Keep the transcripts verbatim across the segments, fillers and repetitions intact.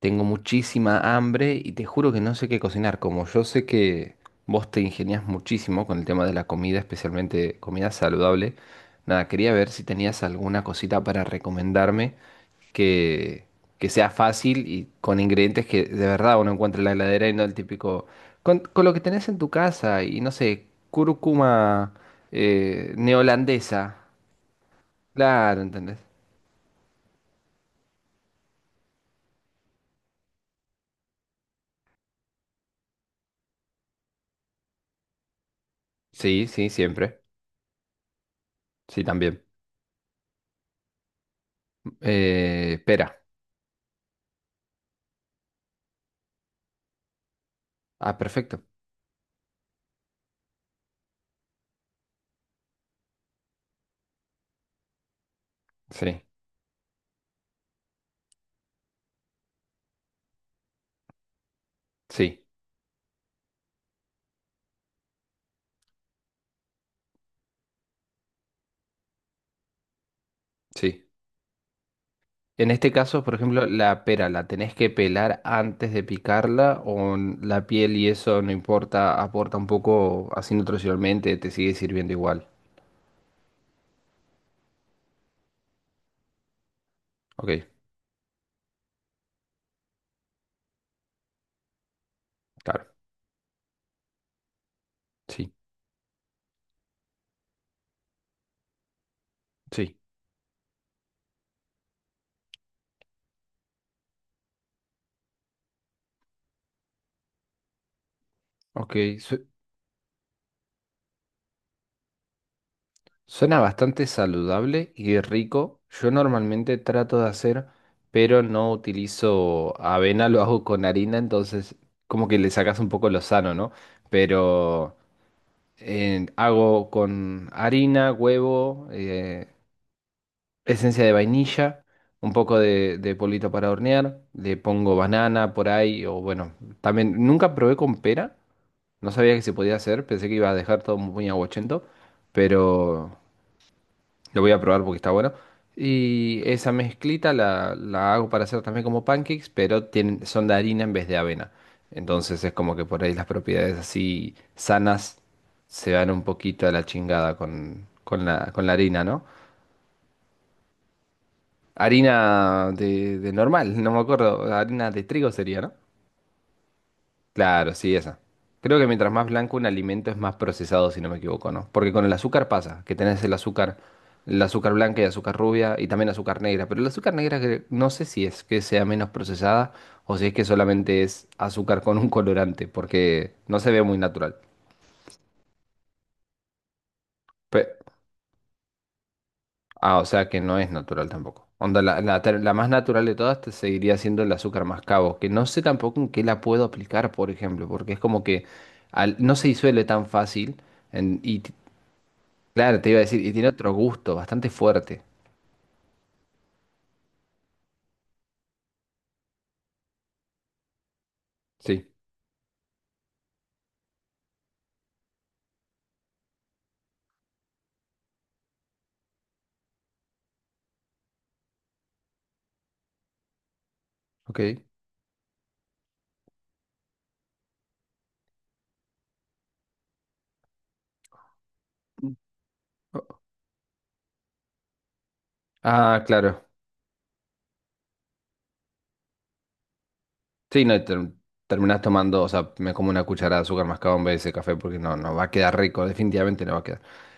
Tengo muchísima hambre y te juro que no sé qué cocinar. Como yo sé que vos te ingeniás muchísimo con el tema de la comida, especialmente comida saludable, nada, quería ver si tenías alguna cosita para recomendarme que, que sea fácil y con ingredientes que de verdad uno encuentre en la heladera y no el típico. Con, con lo que tenés en tu casa y no sé, cúrcuma eh, neolandesa. Claro, ¿entendés? Sí, sí, siempre. Sí, también. Eh, pera. Ah, perfecto. Sí, sí, sí. En este caso, por ejemplo, la pera, ¿la tenés que pelar antes de picarla o n- la piel y eso no importa, aporta un poco así nutricionalmente, te sigue sirviendo igual? Ok, claro, sí, sí. Ok, su- Suena bastante saludable y rico. Yo normalmente trato de hacer, pero no utilizo avena, lo hago con harina, entonces como que le sacas un poco lo sano, ¿no? Pero… eh, hago con harina, huevo, eh, esencia de vainilla, un poco de, de polvito para hornear, le pongo banana por ahí, o bueno, también nunca probé con pera, no sabía que se podía hacer, pensé que iba a dejar todo muy aguachento, pero lo voy a probar porque está bueno. Y esa mezclita la, la hago para hacer también como pancakes, pero tienen, son de harina en vez de avena. Entonces es como que por ahí las propiedades así sanas se van un poquito a la chingada con, con la, con la harina, ¿no? Harina de, de normal, no me acuerdo, harina de trigo sería, ¿no? Claro, sí, esa. Creo que mientras más blanco un alimento es más procesado, si no me equivoco, ¿no? Porque con el azúcar pasa, que tenés el azúcar, el azúcar blanca y azúcar rubia y también azúcar negra, pero el azúcar negra que- no sé si es que sea menos procesada o si es que solamente es azúcar con un colorante, porque no se ve muy natural. Pe- ah, o sea que no es natural tampoco. Onda, la, la ter- la más natural de todas te seguiría siendo el azúcar mascabo, que no sé tampoco en qué la puedo aplicar, por ejemplo, porque es como que al- no se disuelve tan fácil en- y claro, te iba a decir, y tiene otro gusto bastante fuerte. Sí, ok. Ah, claro. Sí, no, y ter- terminás tomando, o sea, me como una cucharada de azúcar mascado en vez de ese café porque no, no va a quedar rico, definitivamente no va a quedar.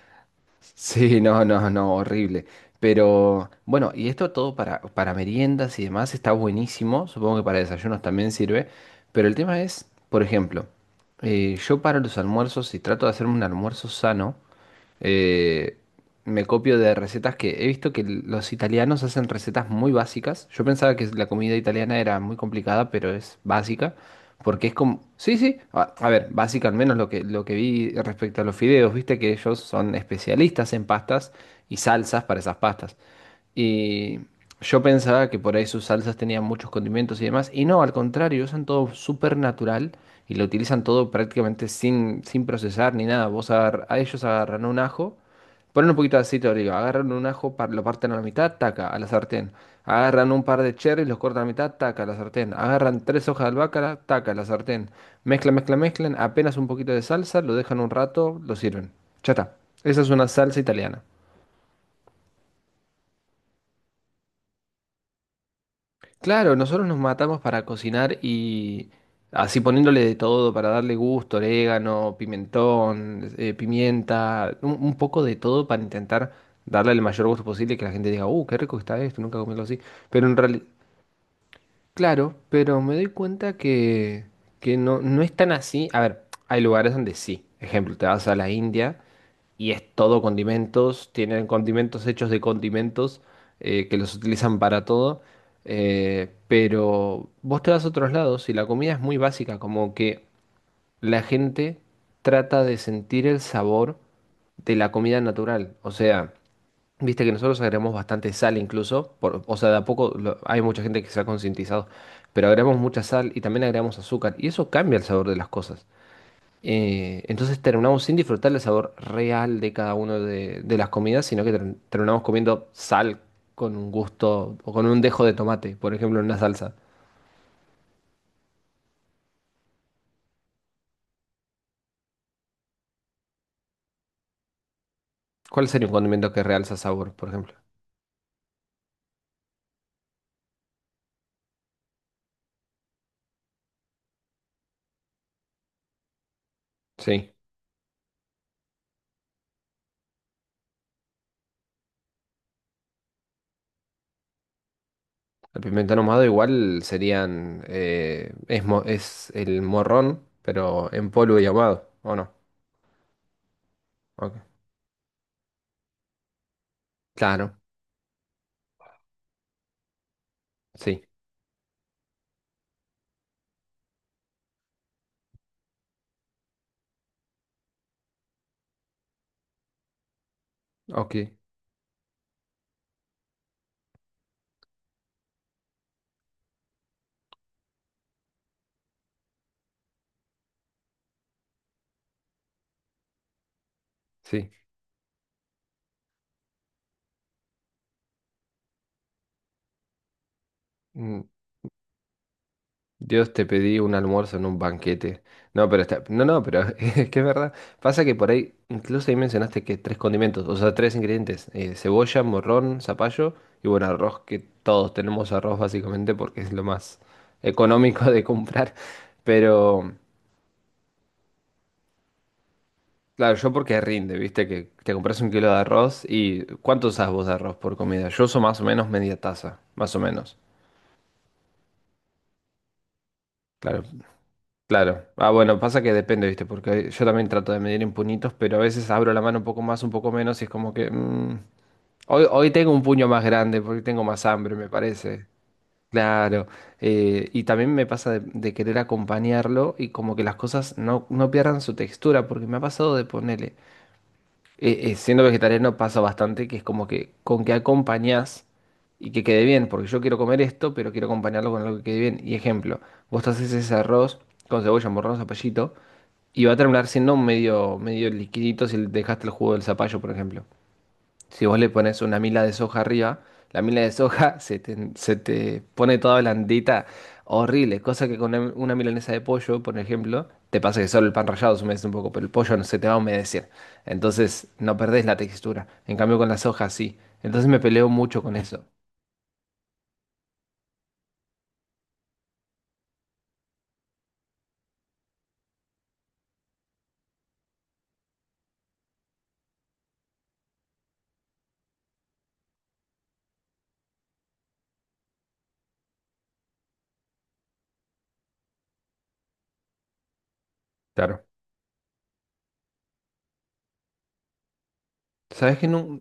Sí, no, no, no, horrible. Pero bueno, y esto todo para, para meriendas y demás está buenísimo, supongo que para desayunos también sirve, pero el tema es, por ejemplo, eh, yo para los almuerzos, si trato de hacerme un almuerzo sano, eh, me copio de recetas que he visto que los italianos hacen recetas muy básicas. Yo pensaba que la comida italiana era muy complicada, pero es básica. Porque es como… Sí, sí. A, a ver, básica al menos lo que, lo que vi respecto a los fideos. Viste que ellos son especialistas en pastas y salsas para esas pastas. Y yo pensaba que por ahí sus salsas tenían muchos condimentos y demás. Y no, al contrario, usan todo súper natural y lo utilizan todo prácticamente sin, sin procesar ni nada. Vos agar- a ellos agarran un ajo. Ponen un poquito de aceite de oliva, agarran un ajo, par- lo parten a la mitad, taca, a la sartén. Agarran un par de cherries, los cortan a la mitad, taca, a la sartén. Agarran tres hojas de albahaca, taca, a la sartén. Mezclan, mezclan, mezclan, apenas un poquito de salsa, lo dejan un rato, lo sirven. Ya está. Esa es una salsa italiana. Claro, nosotros nos matamos para cocinar y así poniéndole de todo para darle gusto, orégano, pimentón, eh, pimienta, un, un poco de todo para intentar darle el mayor gusto posible y que la gente diga, uh, qué rico que está esto, nunca comí algo así. Pero en realidad, claro, pero me doy cuenta que, que no, no es tan así. A ver, hay lugares donde sí. Ejemplo, te vas a la India y es todo condimentos, tienen condimentos hechos de condimentos eh, que los utilizan para todo. Eh, pero vos te vas a otros lados y la comida es muy básica, como que la gente trata de sentir el sabor de la comida natural. O sea, viste que nosotros agregamos bastante sal incluso, por- o sea, de a poco lo- hay mucha gente que se ha concientizado, pero agregamos mucha sal y también agregamos azúcar y eso cambia el sabor de las cosas. Eh, entonces terminamos sin disfrutar el sabor real de cada una de, de las comidas, sino que ter- terminamos comiendo sal con un gusto o con un dejo de tomate, por ejemplo, en una salsa. ¿Cuál sería un condimento que realza sabor, por ejemplo? Sí. El pimentón ahumado igual serían, eh, es, mo- es el morrón, pero en polvo y ahumado, ¿o no? Ok. Claro, sí, ok, sí. Mm, Dios, te pedí un almuerzo en un banquete. No, pero está, no, no, pero es que es verdad. Pasa que por ahí, incluso ahí mencionaste que tres condimentos, o sea, tres ingredientes, eh, cebolla, morrón, zapallo y bueno, arroz, que todos tenemos arroz básicamente porque es lo más económico de comprar, pero… Claro, yo porque rinde, viste, que te compras un kilo de arroz y ¿cuánto usás vos de arroz por comida? Yo uso más o menos media taza, más o menos. Claro, claro. Ah, bueno, pasa que depende, viste, porque yo también trato de medir en puñitos, pero a veces abro la mano un poco más, un poco menos y es como que… mm, hoy, hoy tengo un puño más grande porque tengo más hambre, me parece. Claro. eh, y también me pasa de, de querer acompañarlo y como que las cosas no, no pierdan su textura, porque me ha pasado de ponerle… eh, eh, siendo vegetariano pasa bastante que es como que con que acompañás y que quede bien, porque yo quiero comer esto, pero quiero acompañarlo con algo que quede bien. Y ejemplo, vos te haces ese arroz con cebolla, morrón, zapallito, y va a terminar siendo medio, medio liquidito si le dejaste el jugo del zapallo, por ejemplo. Si vos le pones una mila de soja arriba, la mila de soja se te, se te pone toda blandita, horrible. Cosa que con una, una milanesa de pollo, por ejemplo, te pasa que solo el pan rallado se humedece un poco, pero el pollo no se te va a humedecer. Entonces no perdés la textura. En cambio con la soja sí. Entonces me peleo mucho con eso. Claro. ¿Sabes que no?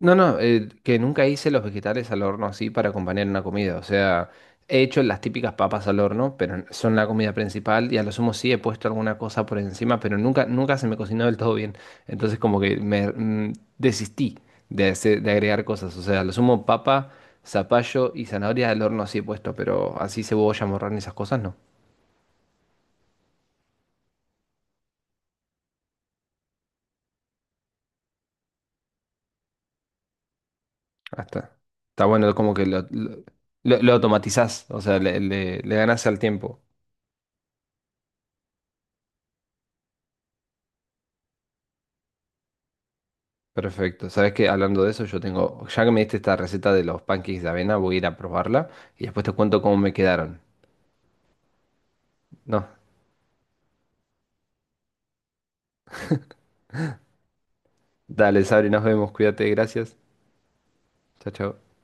No, no, eh, que nunca hice los vegetales al horno así para acompañar una comida. O sea, he hecho las típicas papas al horno, pero son la comida principal y a lo sumo sí he puesto alguna cosa por encima, pero nunca, nunca se me cocinó del todo bien. Entonces como que me mm, desistí de, hacer- de agregar cosas. O sea, a lo sumo papa, zapallo y zanahoria al horno sí he puesto, pero así cebolla, morrón y esas cosas no. Hasta. Está bueno, como que lo, lo, lo- lo automatizás, o sea, le, le, le ganás al tiempo. Perfecto. Sabes que hablando de eso, yo tengo, ya que me diste esta receta de los pancakes de avena, voy a ir a probarla y después te cuento cómo me quedaron. No, dale, Sabri, nos vemos, cuídate, gracias. Chao, chao.